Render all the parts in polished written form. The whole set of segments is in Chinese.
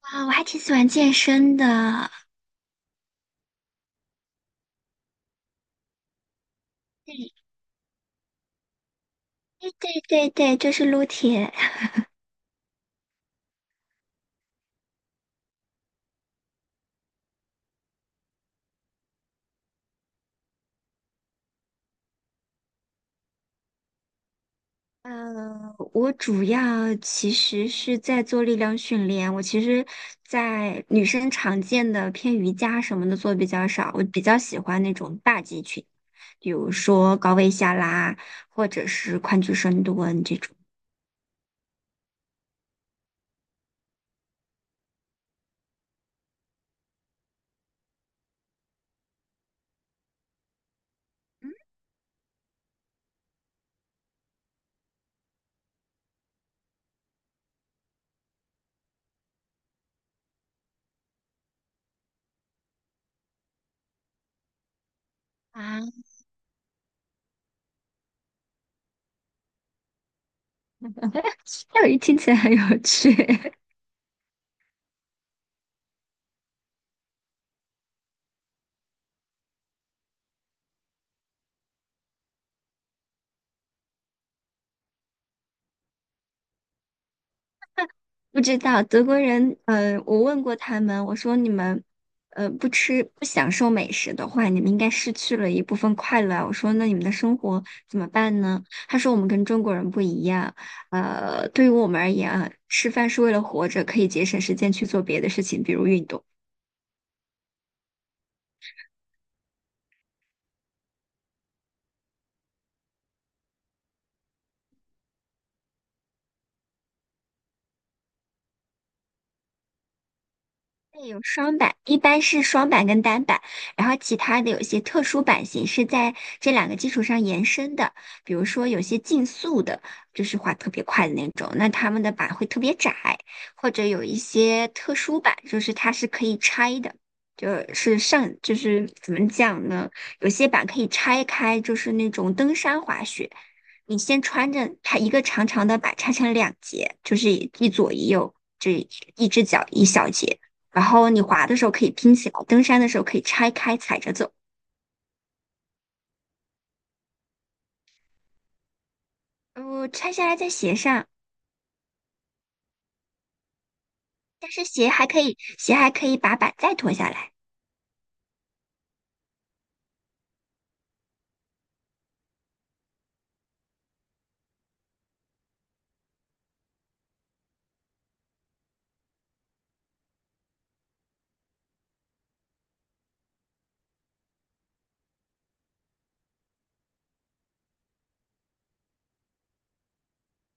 啊，我还挺喜欢健身的。对对对对，就是撸铁。我主要其实是在做力量训练，我其实，在女生常见的偏瑜伽什么的做比较少，我比较喜欢那种大肌群，比如说高位下拉，或者是宽距深蹲这种。啊，钓鱼听起来很有趣。不知道德国人，我问过他们，我说你们，不吃不享受美食的话，你们应该失去了一部分快乐啊，我说那你们的生活怎么办呢？他说我们跟中国人不一样，对于我们而言啊，吃饭是为了活着，可以节省时间去做别的事情，比如运动。对，有双板，一般是双板跟单板，然后其他的有一些特殊版型是在这两个基础上延伸的，比如说有些竞速的，就是滑特别快的那种，那他们的板会特别窄，或者有一些特殊版，就是它是可以拆的，就是上，就是怎么讲呢？有些板可以拆开，就是那种登山滑雪，你先穿着它一个长长的板拆成两节，就是一左一右，这一只脚一小节。然后你滑的时候可以拼起来，登山的时候可以拆开踩着走。拆下来在鞋上，但是鞋还可以，鞋还可以把板再脱下来。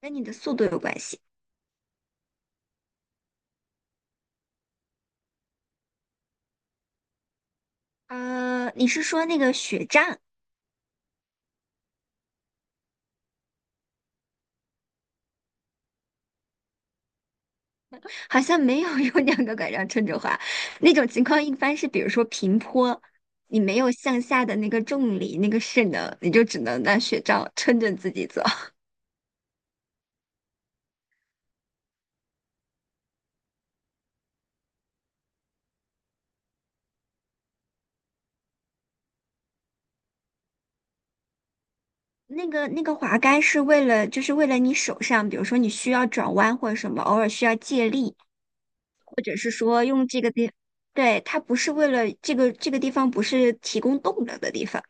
跟你的速度有关系。你是说那个雪杖？好像没有用两个拐杖撑着滑，那种情况一般是比如说平坡，你没有向下的那个重力、那个势能，你就只能拿雪杖撑着自己走。那个那个滑杆是为了，就是为了你手上，比如说你需要转弯或者什么，偶尔需要借力。或者是说用这个地，对，它不是为了这个这个地方不是提供动能的地方。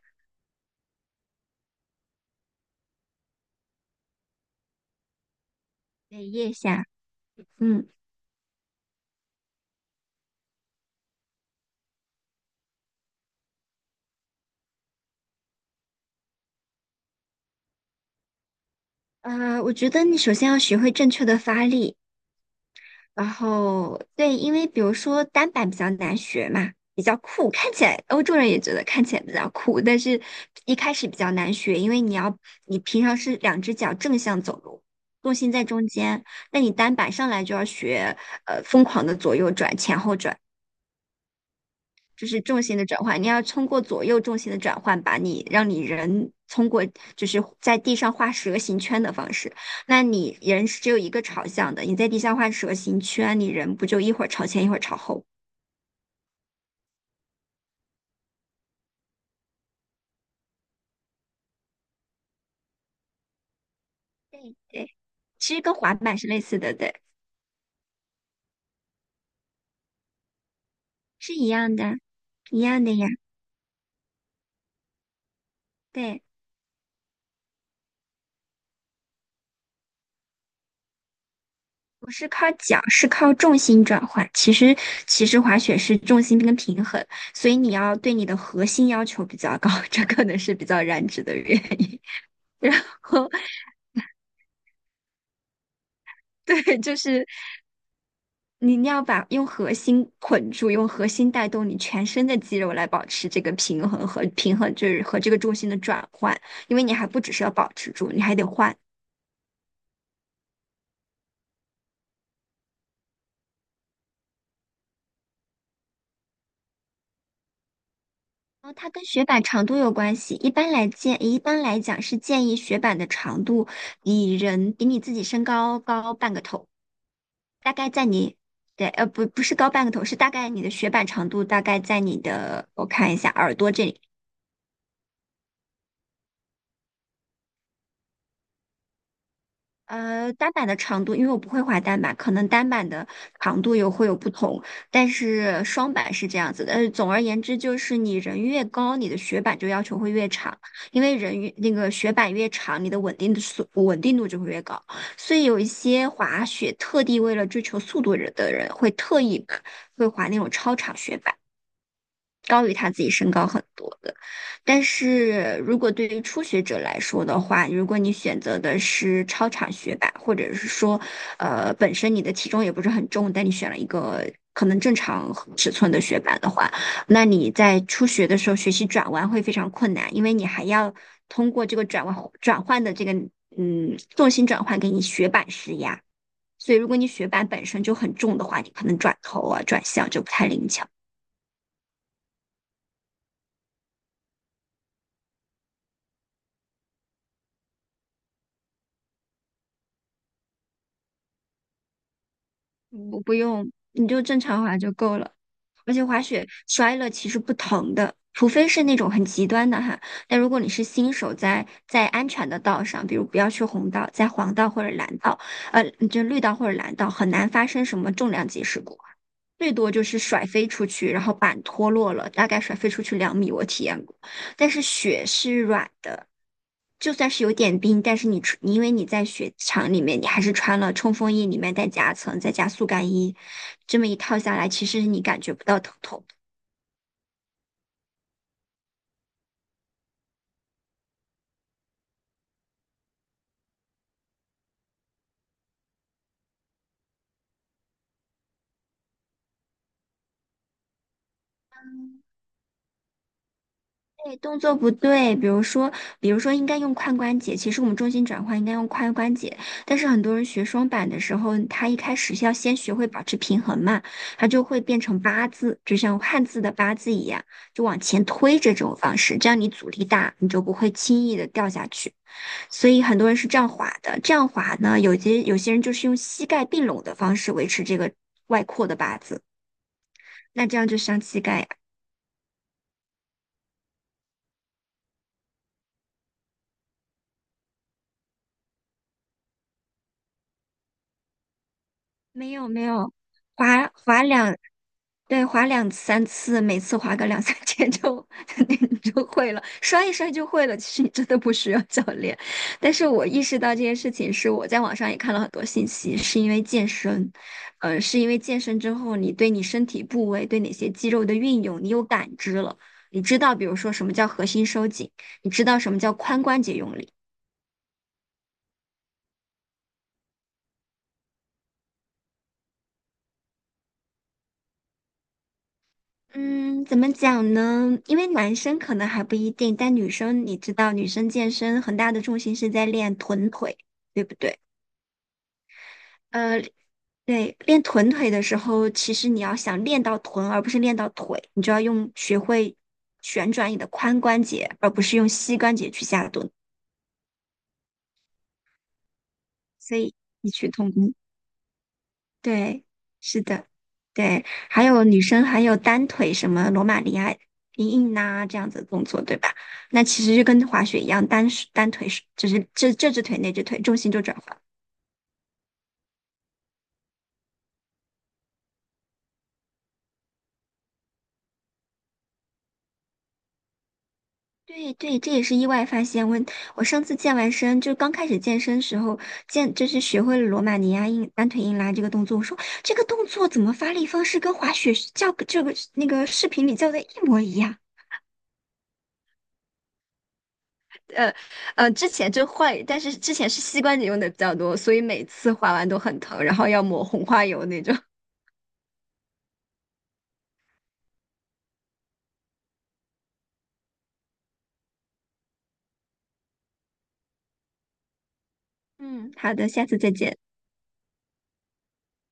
对，腋下，嗯，我觉得你首先要学会正确的发力，然后对，因为比如说单板比较难学嘛，比较酷，看起来欧洲人也觉得看起来比较酷，但是一开始比较难学，因为你要你平常是两只脚正向走路，重心在中间，那你单板上来就要学疯狂的左右转、前后转。就是重心的转换，你要通过左右重心的转换，把你让你人通过就是在地上画蛇形圈的方式。那你人是只有一个朝向的，你在地上画蛇形圈，你人不就一会儿朝前一会儿朝后？对对，其实跟滑板是类似的，对，是一样的，一样的呀。对，不是靠脚，是靠重心转换。其实滑雪是重心跟平衡，所以你要对你的核心要求比较高，这可能是比较燃脂的原因。然后对，就是你你要把用核心捆住，用核心带动你全身的肌肉来保持这个平衡和平衡，就是和这个重心的转换，因为你还不只是要保持住，你还得换。然后它跟雪板长度有关系，一般来讲是建议雪板的长度比人比你自己身高高半个头，大概在你。对，不，不是高半个头，是大概你的雪板长度大概在你的，我看一下，耳朵这里，单板的长度，因为我不会滑单板，可能单板的长度有会有不同，但是双板是这样子的。总而言之，就是你人越高，你的雪板就要求会越长，因为人越那个雪板越长，你的稳定的稳定度就会越高。所以有一些滑雪特地为了追求速度的人，会特意把 会滑那种超长雪板。高于他自己身高很多的。但是如果对于初学者来说的话，如果你选择的是超长雪板，或者是说，本身你的体重也不是很重，但你选了一个可能正常尺寸的雪板的话，那你在初学的时候学习转弯会非常困难，因为你还要通过这个转弯转换的这个重心转换给你雪板施压。所以，如果你雪板本身就很重的话，你可能转头啊、转向就不太灵巧。不用，你就正常滑就够了。而且滑雪摔了其实不疼的，除非是那种很极端的哈。但如果你是新手在安全的道上，比如不要去红道，在黄道或者蓝道，呃，就绿道或者蓝道，很难发生什么重量级事故，最多就是甩飞出去，然后板脱落了，大概甩飞出去2米，我体验过。但是雪是软的，就算是有点冰，但是你穿，因为你在雪场里面，你还是穿了冲锋衣，里面带夹层，再加速干衣，这么一套下来，其实你感觉不到疼痛。对，动作不对，比如说，比如说应该用髋关节，其实我们重心转换应该用髋关节，但是很多人学双板的时候，他一开始要先学会保持平衡嘛，他就会变成八字，就像汉字的八字一样，就往前推着这种方式，这样你阻力大，你就不会轻易的掉下去。所以很多人是这样滑的。这样滑呢，有些人就是用膝盖并拢的方式维持这个外扩的八字，那这样就伤膝盖呀。没有没有，滑滑两对，划两三次，每次划个两三天就 你就会了，摔一摔就会了。其实你真的不需要教练。但是我意识到这件事情是我在网上也看了很多信息，是因为健身，是因为健身之后，你对你身体部位、对哪些肌肉的运用，你有感知了，你知道，比如说什么叫核心收紧，你知道什么叫髋关节用力。嗯，怎么讲呢？因为男生可能还不一定，但女生你知道，女生健身很大的重心是在练臀腿，对不对？呃，对，练臀腿的时候，其实你要想练到臀，而不是练到腿，你就要用学会旋转你的髋关节，而不是用膝关节去下蹲。所以异曲同工。对，是的，对，还有女生还有单腿什么罗马尼亚硬拉这样子的动作，对吧？那其实就跟滑雪一样，单手单腿是就是这只腿那只腿重心就转换。对对，这也是意外发现。我上次健完身，就刚开始健身时候就是学会了罗马尼亚硬单腿硬拉这个动作。我说这个动作怎么发力方式跟滑雪是教这个那个视频里教的一模一样？呃之前就换，但是之前是膝关节用的比较多，所以每次划完都很疼，然后要抹红花油那种。嗯，好的，下次再见。